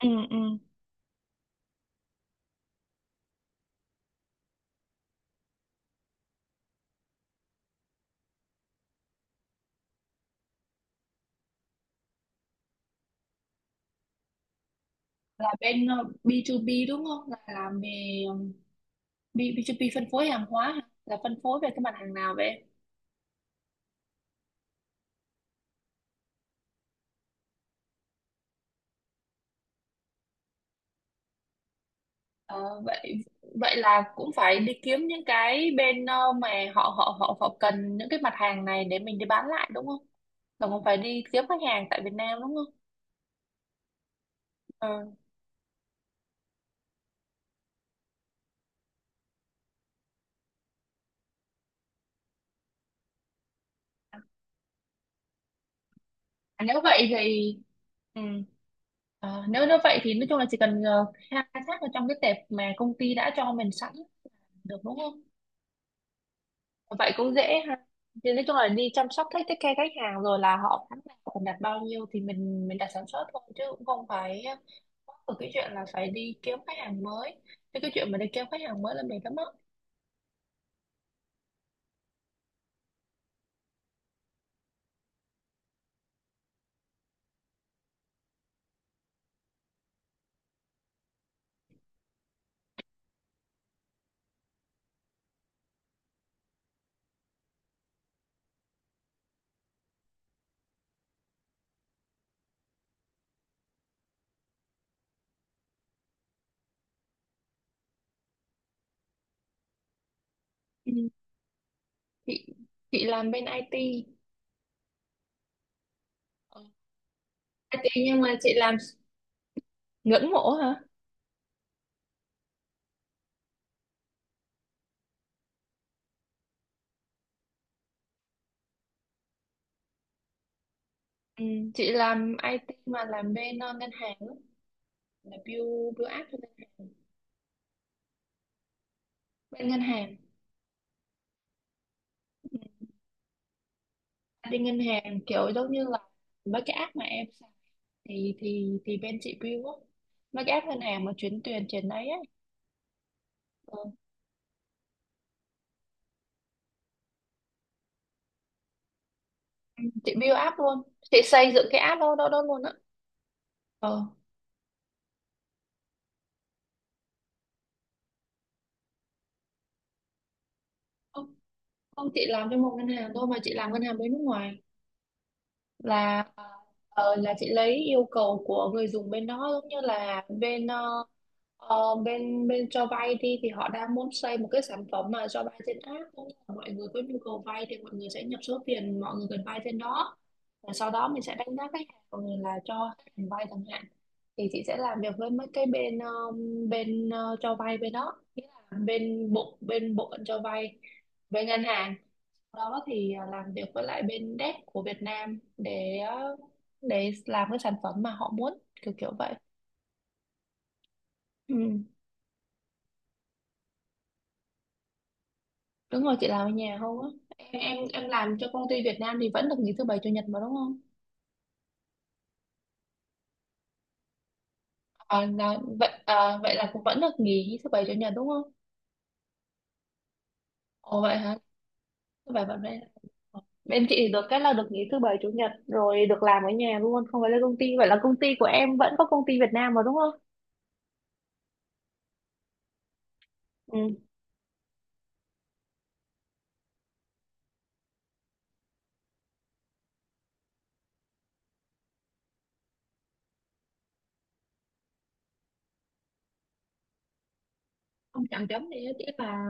Ừ, ừ. Là bên B2B đúng không, là làm về B, B2B phân phối hàng hóa hả? Là phân phối về cái mặt hàng nào vậy? Ờ, vậy vậy là cũng phải đi kiếm những cái bên mà họ họ họ họ cần những cái mặt hàng này để mình đi bán lại, đúng không? Là cũng phải đi kiếm khách hàng tại Việt Nam, đúng không? Ờ. À, nếu vậy thì ừ. Nếu vậy thì nói chung là chỉ cần khai thác ở trong cái tệp mà công ty đã cho mình sẵn được, đúng không? Vậy cũng dễ ha. Thì nói chung là đi chăm sóc khách, take care khách hàng, rồi là họ tháng nào còn đặt bao nhiêu thì mình đặt sản xuất thôi, chứ cũng không phải có một cái chuyện là phải đi kiếm khách hàng mới. Thế cái chuyện mà đi kiếm khách hàng mới là mệt lắm á. Ừ. Chị chị làm bên IT. Ờ, IT nhưng mà chị làm, ngưỡng mộ hả? Ừ. Chị làm IT mà làm bên ngân hàng á, là build build app cho ngân hàng. Bên ngân hàng, đi ngân hàng kiểu giống như là mấy cái app mà em, thì bên chị build á, mấy cái app ngân hàng mà chuyến tiền chuyển đấy ấy. ờ, chị build app luôn, chị xây dựng cái app đó đó, đó luôn á. Ờ không không chị làm cho một ngân hàng thôi, mà chị làm ngân hàng bên nước ngoài. Là là chị lấy yêu cầu của người dùng bên đó, giống như là bên bên bên cho vay đi, thì họ đang muốn xây một cái sản phẩm mà cho vay trên app, cũng như là mọi người có nhu cầu vay thì mọi người sẽ nhập số tiền mọi người cần vay trên đó, và sau đó mình sẽ đánh giá khách hàng của người là cho khách hàng vay chẳng hạn. Thì chị sẽ làm việc với mấy cái bên bên cho vay bên đó, nghĩa là bên bộ phận cho vay bên ngân hàng đó. Thì à, làm việc với lại bên dev của Việt Nam để để làm cái sản phẩm mà họ muốn, kiểu kiểu vậy. Ừ. Đúng rồi, chị làm ở nhà không á. Em làm cho công ty Việt Nam thì vẫn được nghỉ thứ bảy chủ nhật mà, đúng không? À, là, vậy à, vậy là cũng vẫn được nghỉ thứ bảy chủ nhật đúng không? Ồ vậy hả, thứ bảy vẫn. Bên bên chị thì được cái là được nghỉ thứ bảy chủ nhật rồi, được làm ở nhà luôn, không phải lên công ty. Vậy là công ty của em vẫn có công ty Việt Nam mà, đúng không? Ừ. Không, chẳng chấm gì hết, ý là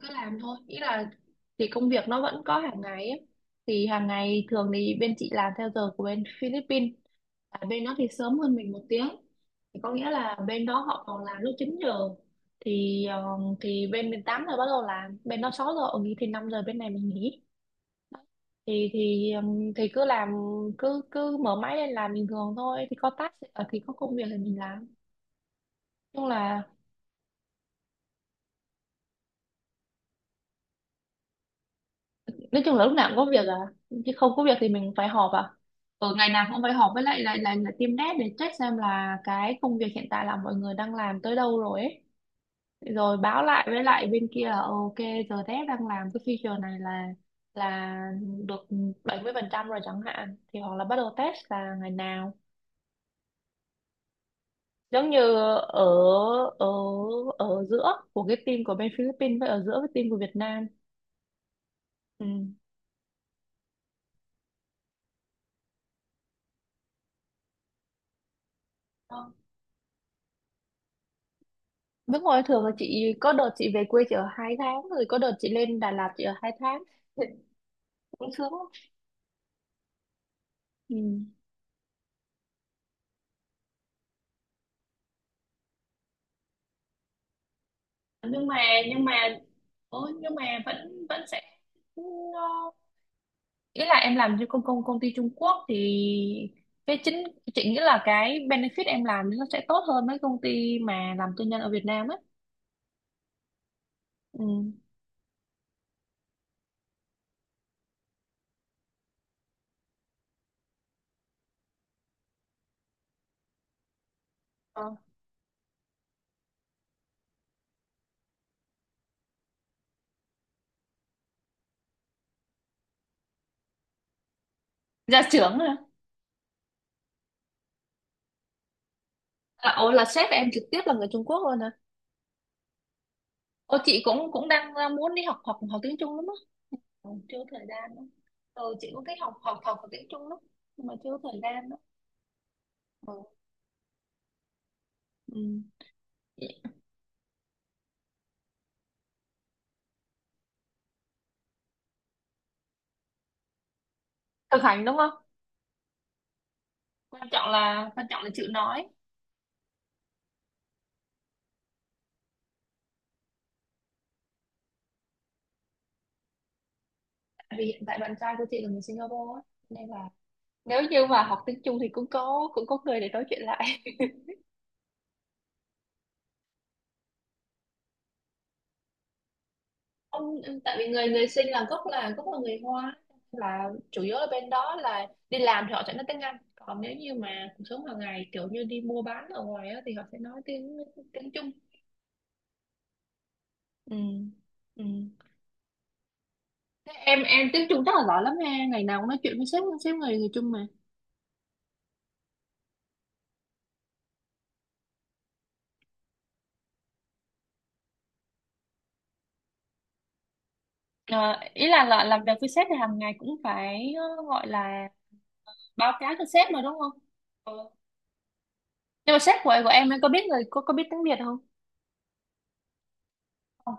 cứ làm thôi, ý là thì công việc nó vẫn có hàng ngày ấy. Thì hàng ngày thường thì bên chị làm theo giờ của bên Philippines. À, bên đó thì sớm hơn mình 1 tiếng, thì có nghĩa là bên đó họ còn làm lúc 9 giờ. Thì thì bên mình 8 giờ bắt đầu làm, bên đó 6 giờ ở nghỉ thì 5 giờ bên này mình nghỉ. Thì cứ làm, cứ cứ mở máy lên làm bình thường thôi. Thì có task, thì có công việc thì mình làm. Chung là nói chung là lúc nào cũng có việc à, chứ không có việc thì mình phải họp à. Ở ngày nào cũng phải họp với lại lại lại là team dev để check xem là cái công việc hiện tại là mọi người đang làm tới đâu rồi ấy. Rồi báo lại với lại bên kia là "Ờ, ok, giờ dev đang làm cái feature này là được 70% rồi chẳng hạn, thì hoặc là bắt đầu test là ngày nào." Giống như ở ở ở giữa của cái team của bên Philippines với ở giữa cái team của Việt Nam. Ừ. Nước ngoài, thường là chị có đợt chị về quê chỉ ở 2 tháng, rồi có đợt chị lên Đà Lạt chỉ ở 2 tháng, cũng sướng lắm. Ừ. nhưng mà nhưng mà nhưng mà vẫn vẫn sẽ nó- ý là em làm cho công công công ty Trung Quốc thì cái chính chị nghĩ là cái benefit em làm nó sẽ tốt hơn mấy công ty mà làm tư nhân ở Việt Nam á. Ừ. Ờ. Gia trưởng hả? À, ồ là sếp em trực tiếp là người Trung Quốc luôn hả? Ô, chị cũng cũng đang muốn đi học học học tiếng Trung lắm á. Ừ, chưa thời gian đó. Ừ, chị cũng thích học học học và tiếng Trung lắm, nhưng mà chưa thời gian đó. Ừ. Ừ. Thực hành đúng không? Quan trọng là, quan trọng là chịu nói. Tại vì hiện tại bạn trai của chị là người Singapore á, nên là, nếu như mà học tiếng Trung thì cũng có, cũng có người để nói chuyện lại. Không, tại vì người người sinh là gốc, là gốc là người Hoa, là chủ yếu ở bên đó là đi làm thì họ sẽ nói tiếng Anh. Còn nếu như mà cuộc sống hàng ngày kiểu như đi mua bán ở ngoài á, thì họ sẽ nói tiếng tiếng Trung. Ừ. Ừ. Thế em tiếng Trung chắc là giỏi lắm ha, ngày nào cũng nói chuyện với sếp sếp người người Trung mà. Ờ, ý là làm việc với sếp thì hàng ngày cũng phải gọi là báo cáo cho sếp mà đúng không? Ừ. Nhưng mà sếp của em có biết người cô không? Không,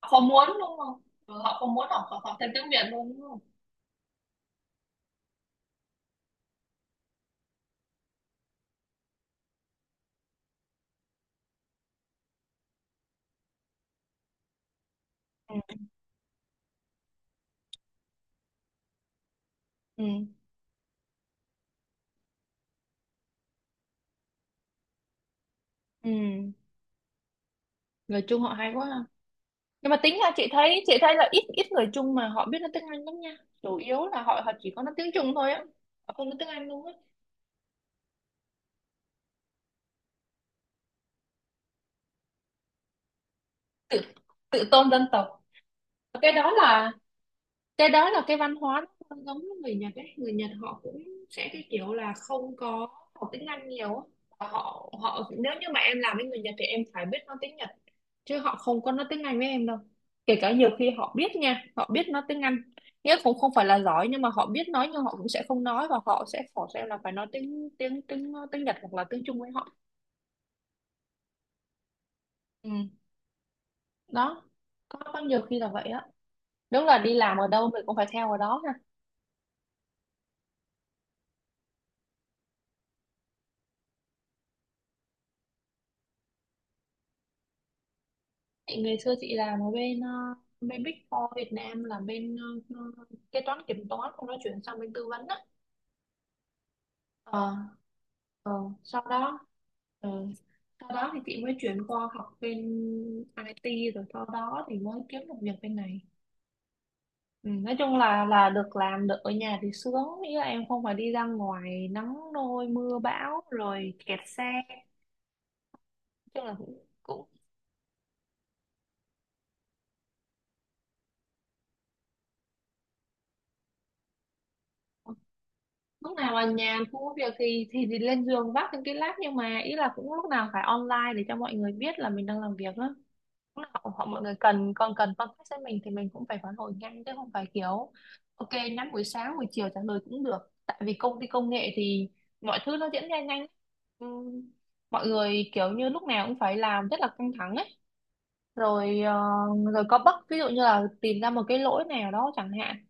họ không muốn đúng không. Ừ, họ không muốn, họ họ, họ thêm tiếng Việt luôn đúng không. Ừ, ừ, ừ. Người Trung họ hay quá ha. Nhưng mà tính ra chị thấy, chị thấy là ít ít người Trung mà họ biết nói tiếng Anh lắm nha. Chủ yếu là họ họ chỉ có nói tiếng Trung thôi á. Họ không nói tiếng Anh luôn á. Tự, tự tôn dân tộc. Cái đó là, cái đó là cái văn hóa nó không giống với người Nhật ấy, người Nhật họ cũng sẽ cái kiểu là không có học tiếng Anh nhiều á. Và họ họ nếu như mà em làm với người Nhật thì em phải biết nói tiếng Nhật, chứ họ không có nói tiếng Anh với em đâu. Kể cả nhiều khi họ biết nha, họ biết nói tiếng Anh, nghĩa cũng không phải là giỏi, nhưng mà họ biết nói. Nhưng họ cũng sẽ không nói, và họ sẽ force em là phải nói tiếng tiếng tiếng tiếng Nhật hoặc là tiếng Trung với họ. Ừ. Đó. Có nhiều khi là vậy á. Đúng là đi làm ở đâu mình cũng phải theo ở đó. Chị ngày xưa chị làm ở bên bên Big Four Việt Nam, là bên ờ, ờ, kế toán kiểm toán, xong nó chuyển sang bên tư vấn á. Ờ. Ờ. Sau đó, ờ, sau đó thì chị mới chuyển qua học bên IT, rồi sau đó thì mới kiếm được việc bên này. Ừ, nói chung là được, làm được ở nhà thì sướng, nghĩa là em không phải đi ra ngoài nắng nôi mưa bão rồi kẹt xe. Nói chung là cũng cũng lúc nào mà nhàn, cũng có việc thì lên giường vác những cái lát. Nhưng mà ý là cũng lúc nào phải online để cho mọi người biết là mình đang làm việc đó. Lúc nào họ họ- mọi người cần còn cần contact với mình thì mình cũng phải phản hồi nhanh, chứ không phải kiểu ok nhắn buổi sáng, buổi chiều trả lời cũng được. Tại vì công ty công nghệ thì mọi thứ nó diễn ra nhanh. Ừm, mọi người kiểu như lúc nào cũng phải làm rất là căng thẳng ấy. Rồi rồi có bug, ví dụ như là tìm ra một cái lỗi nào đó chẳng hạn,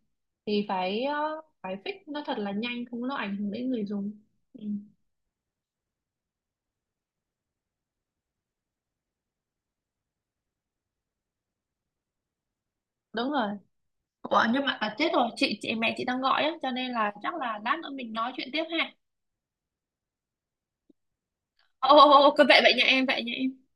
thì phải phải fix nó thật là nhanh, không nó ảnh hưởng đến người dùng. Ừ, đúng rồi. Ủa, nhưng mà à, chết rồi, chị mẹ chị đang gọi á, cho nên là chắc là lát nữa mình nói chuyện tiếp ha. Ô ô ô, ô, cứ vậy vậy nha em, vậy nha em.